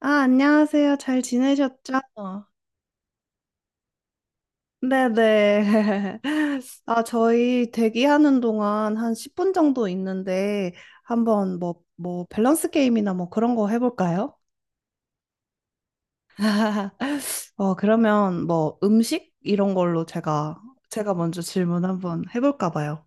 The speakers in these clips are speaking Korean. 아, 안녕하세요. 잘 지내셨죠? 네네. 아, 저희 대기하는 동안 한 10분 정도 있는데, 한번 뭐 밸런스 게임이나 뭐 그런 거 해볼까요? 그러면 뭐 음식? 제가 먼저 질문 한번 해볼까 봐요.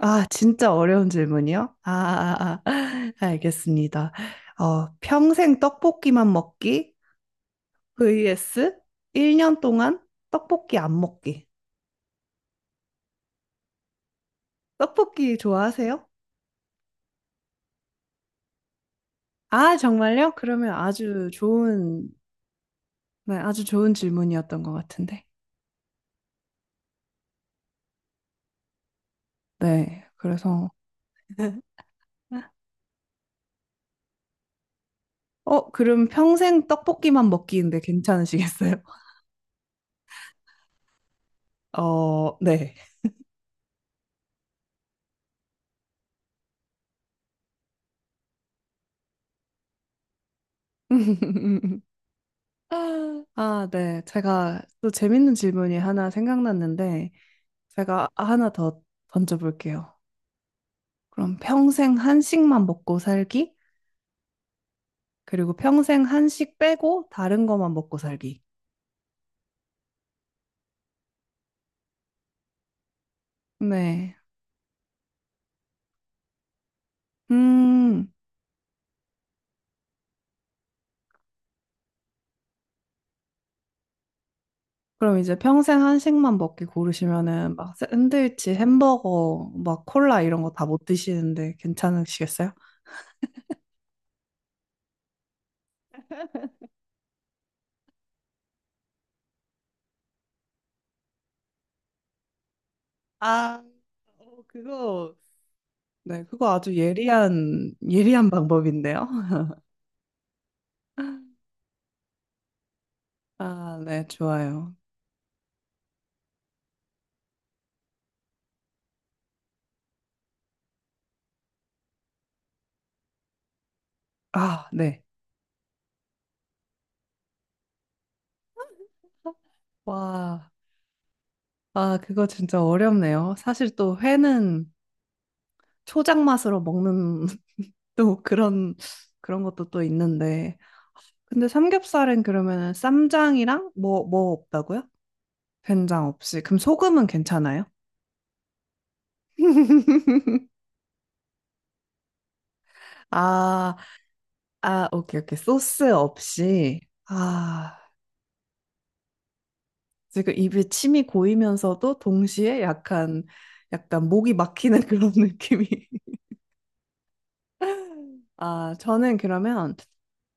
아, 진짜 어려운 질문이요? 아. 알겠습니다. 평생 떡볶이만 먹기 vs 1년 동안 떡볶이 안 먹기. 떡볶이 좋아하세요? 아, 정말요? 네, 아주 좋은 질문이었던 것 같은데. 네, 그래서. 그럼 평생 떡볶이만 먹기인데 괜찮으시겠어요? 어, 네. 아, 네. 제가 또 재밌는 질문이 하나 생각났는데, 제가 하나 더 던져볼게요. 그럼 평생 한식만 먹고 살기? 그리고 평생 한식 빼고 다른 것만 먹고 살기. 네. 음. 그럼 이제 평생 한식만 먹기 고르시면은 막 샌드위치, 햄버거, 막 콜라 이런 거 다 못 드시는데 괜찮으시겠어요? 아, 어, 그거, 네, 그거 아주 예리한 방법인데요. 아, 네, 좋아요. 아, 네. 와, 아, 그거 진짜 어렵네요. 사실 또 회는 초장 맛으로 먹는 또 그런, 그런 것도 또 있는데. 근데 삼겹살은 그러면은 쌈장이랑 뭐 없다고요? 된장 없이. 그럼 소금은 괜찮아요? 아, 아, 오케이, 오케이. 소스 없이. 아, 지금 입에 침이 고이면서도 동시에 약간, 약간 목이 막히는 그런 느낌이. 아, 저는 그러면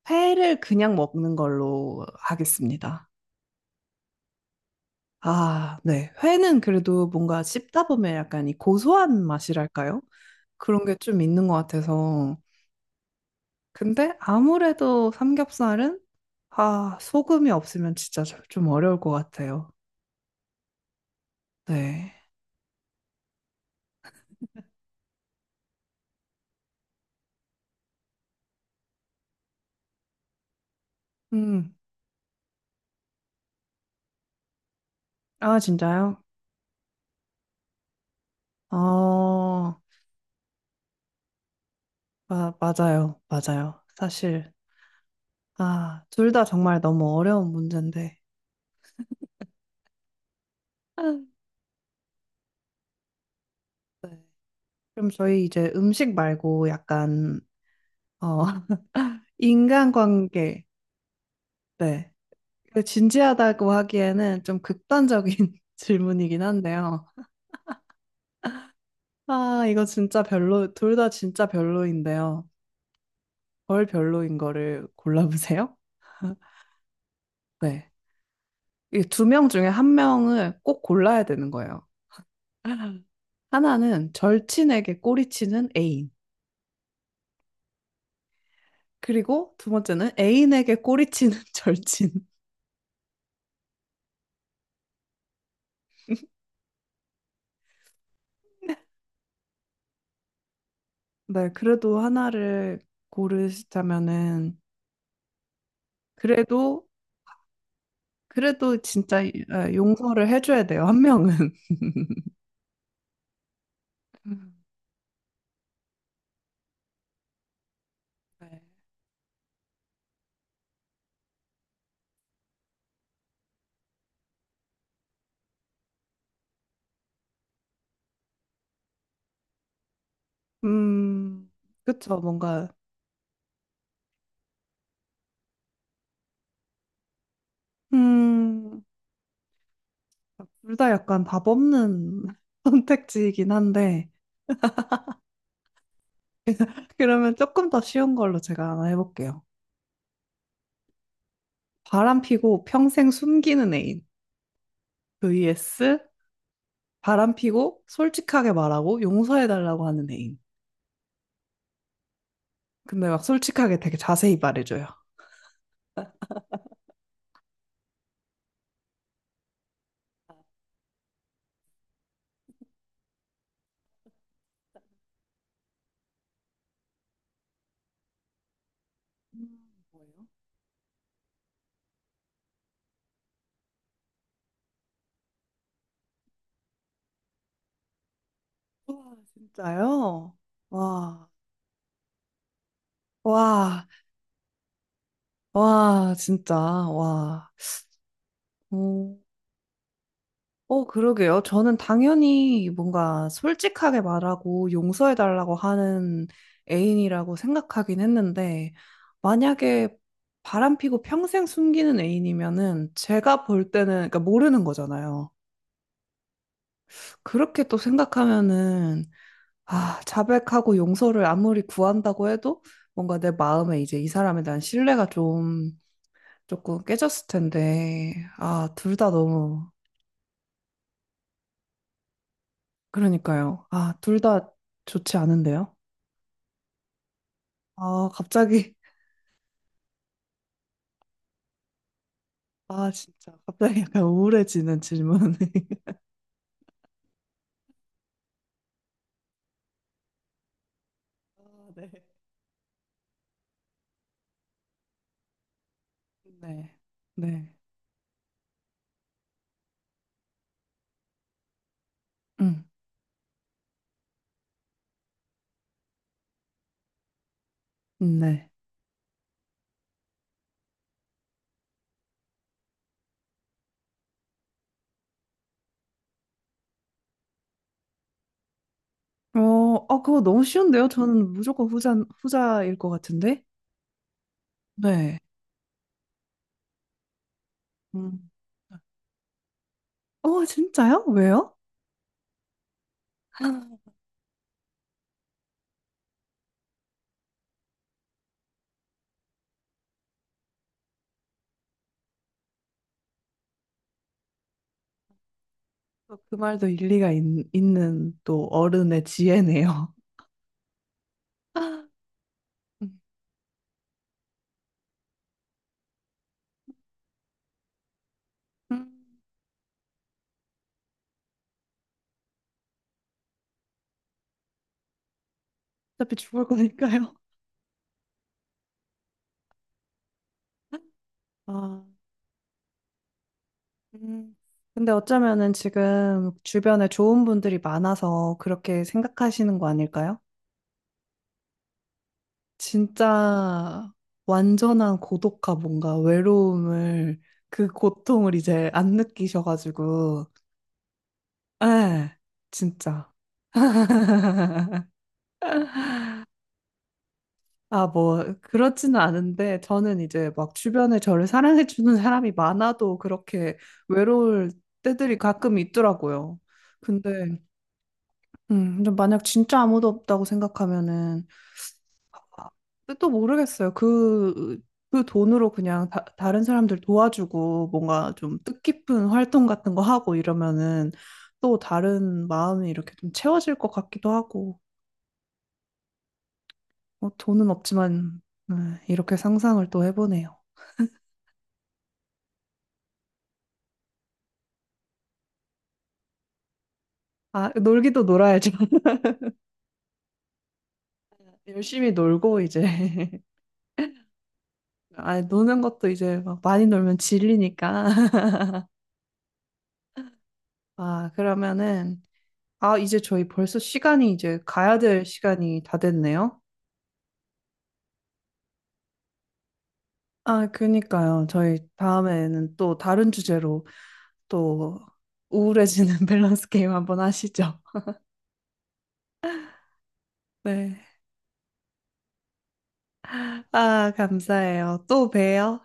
회를 그냥 먹는 걸로 하겠습니다. 아, 네. 회는 그래도 뭔가 씹다 보면 약간 이 고소한 맛이랄까요? 그런 게 좀 있는 것 같아서. 근데 아무래도 삼겹살은 아, 소금이 없으면 진짜 좀 어려울 것 같아요. 네. 음. 아, 진짜요? 어, 아, 맞아요. 맞아요. 사실 아, 둘 다 정말 너무 어려운 문제인데. 아, 네. 그럼 저희 이제 음식 말고 약간 어, 인간관계. 네. 그 진지하다고 하기에는 좀 극단적인 질문이긴 한데요. 아, 이거 진짜 별로, 둘 다 진짜 별로인데요. 별 별로인 거를 골라보세요. 네. 이 두 명 중에 한 명을 꼭 골라야 되는 거예요. 하나는 절친에게 꼬리치는 애인. 그리고 두 번째는 애인에게 꼬리치는 절친. 네, 그래도 하나를 고르시자면은, 그래도, 그래도 진짜 아, 용서를 해줘야 돼요, 한 명은. 음, 네. 음, 그쵸, 뭔가, 음, 둘 다 약간 답 없는 선택지이긴 한데, 그러면 조금 더 쉬운 걸로 제가 하나 해볼게요. 바람 피고 평생 숨기는 애인. vs 바람 피고 솔직하게 말하고 용서해달라고 하는 애인. 근데 막 솔직하게 되게 자세히 말해줘요. 와, 진짜요? 와, 와, 와, 진짜, 와. 어, 그러게요. 저는 당연히 뭔가 솔직하게 말하고 용서해달라고 하는 애인이라고 생각하긴 했는데, 만약에 바람피고 평생 숨기는 애인이면은 제가 볼 때는, 그러니까 모르는 거잖아요. 그렇게 또 생각하면은, 아, 자백하고 용서를 아무리 구한다고 해도 뭔가 내 마음에 이제 이 사람에 대한 신뢰가 조금 깨졌을 텐데, 그러니까요. 아, 둘 다 좋지 않은데요? 아, 갑자기, 아, 진짜, 갑자기 약간 우울해지는 질문이. 아, 네. 네. 네. 음, 네. 어, 어, 그거 너무 쉬운데요? 후자일 것 같은데? 네. 음. 어, 진짜요? 왜요? 또 그 말도 있는 또 어른의 지혜네요. 음, 어차피 죽을 거니까요. 아. 음, 근데 어쩌면은 지금 주변에 좋은 분들이 많아서 그렇게 생각하시는 거 아닐까요? 진짜 완전한 고독과 뭔가 외로움을 그 고통을 이제 안 느끼셔가지고, 에, 진짜. 아, 뭐, 그렇지는 않은데, 저는 이제 막 주변에 저를 사랑해주는 사람이 많아도 그렇게 외로울 때들이 가끔 있더라고요. 근데, 근데 만약 진짜 아무도 없다고 생각하면은, 근데 또 모르겠어요. 그 돈으로 그냥 다른 사람들 도와주고 뭔가 좀 뜻깊은 활동 같은 거 하고 이러면은 또 다른 마음이 이렇게 좀 채워질 것 같기도 하고, 뭐 돈은 없지만, 이렇게 상상을 또 해보네요. 아, 놀기도 놀아야죠. 열심히 놀고 이제. 아, 노는 것도 이제 막 많이 놀면 질리니까. 아, 그러면은, 아, 이제 저희 벌써 시간이 이제 가야 될 시간이 다 됐네요. 아, 그니까요. 저희 다음에는 또 다른 주제로 또 우울해지는 밸런스 게임 한번 하시죠. 네. 아, 감사해요. 또 봬요.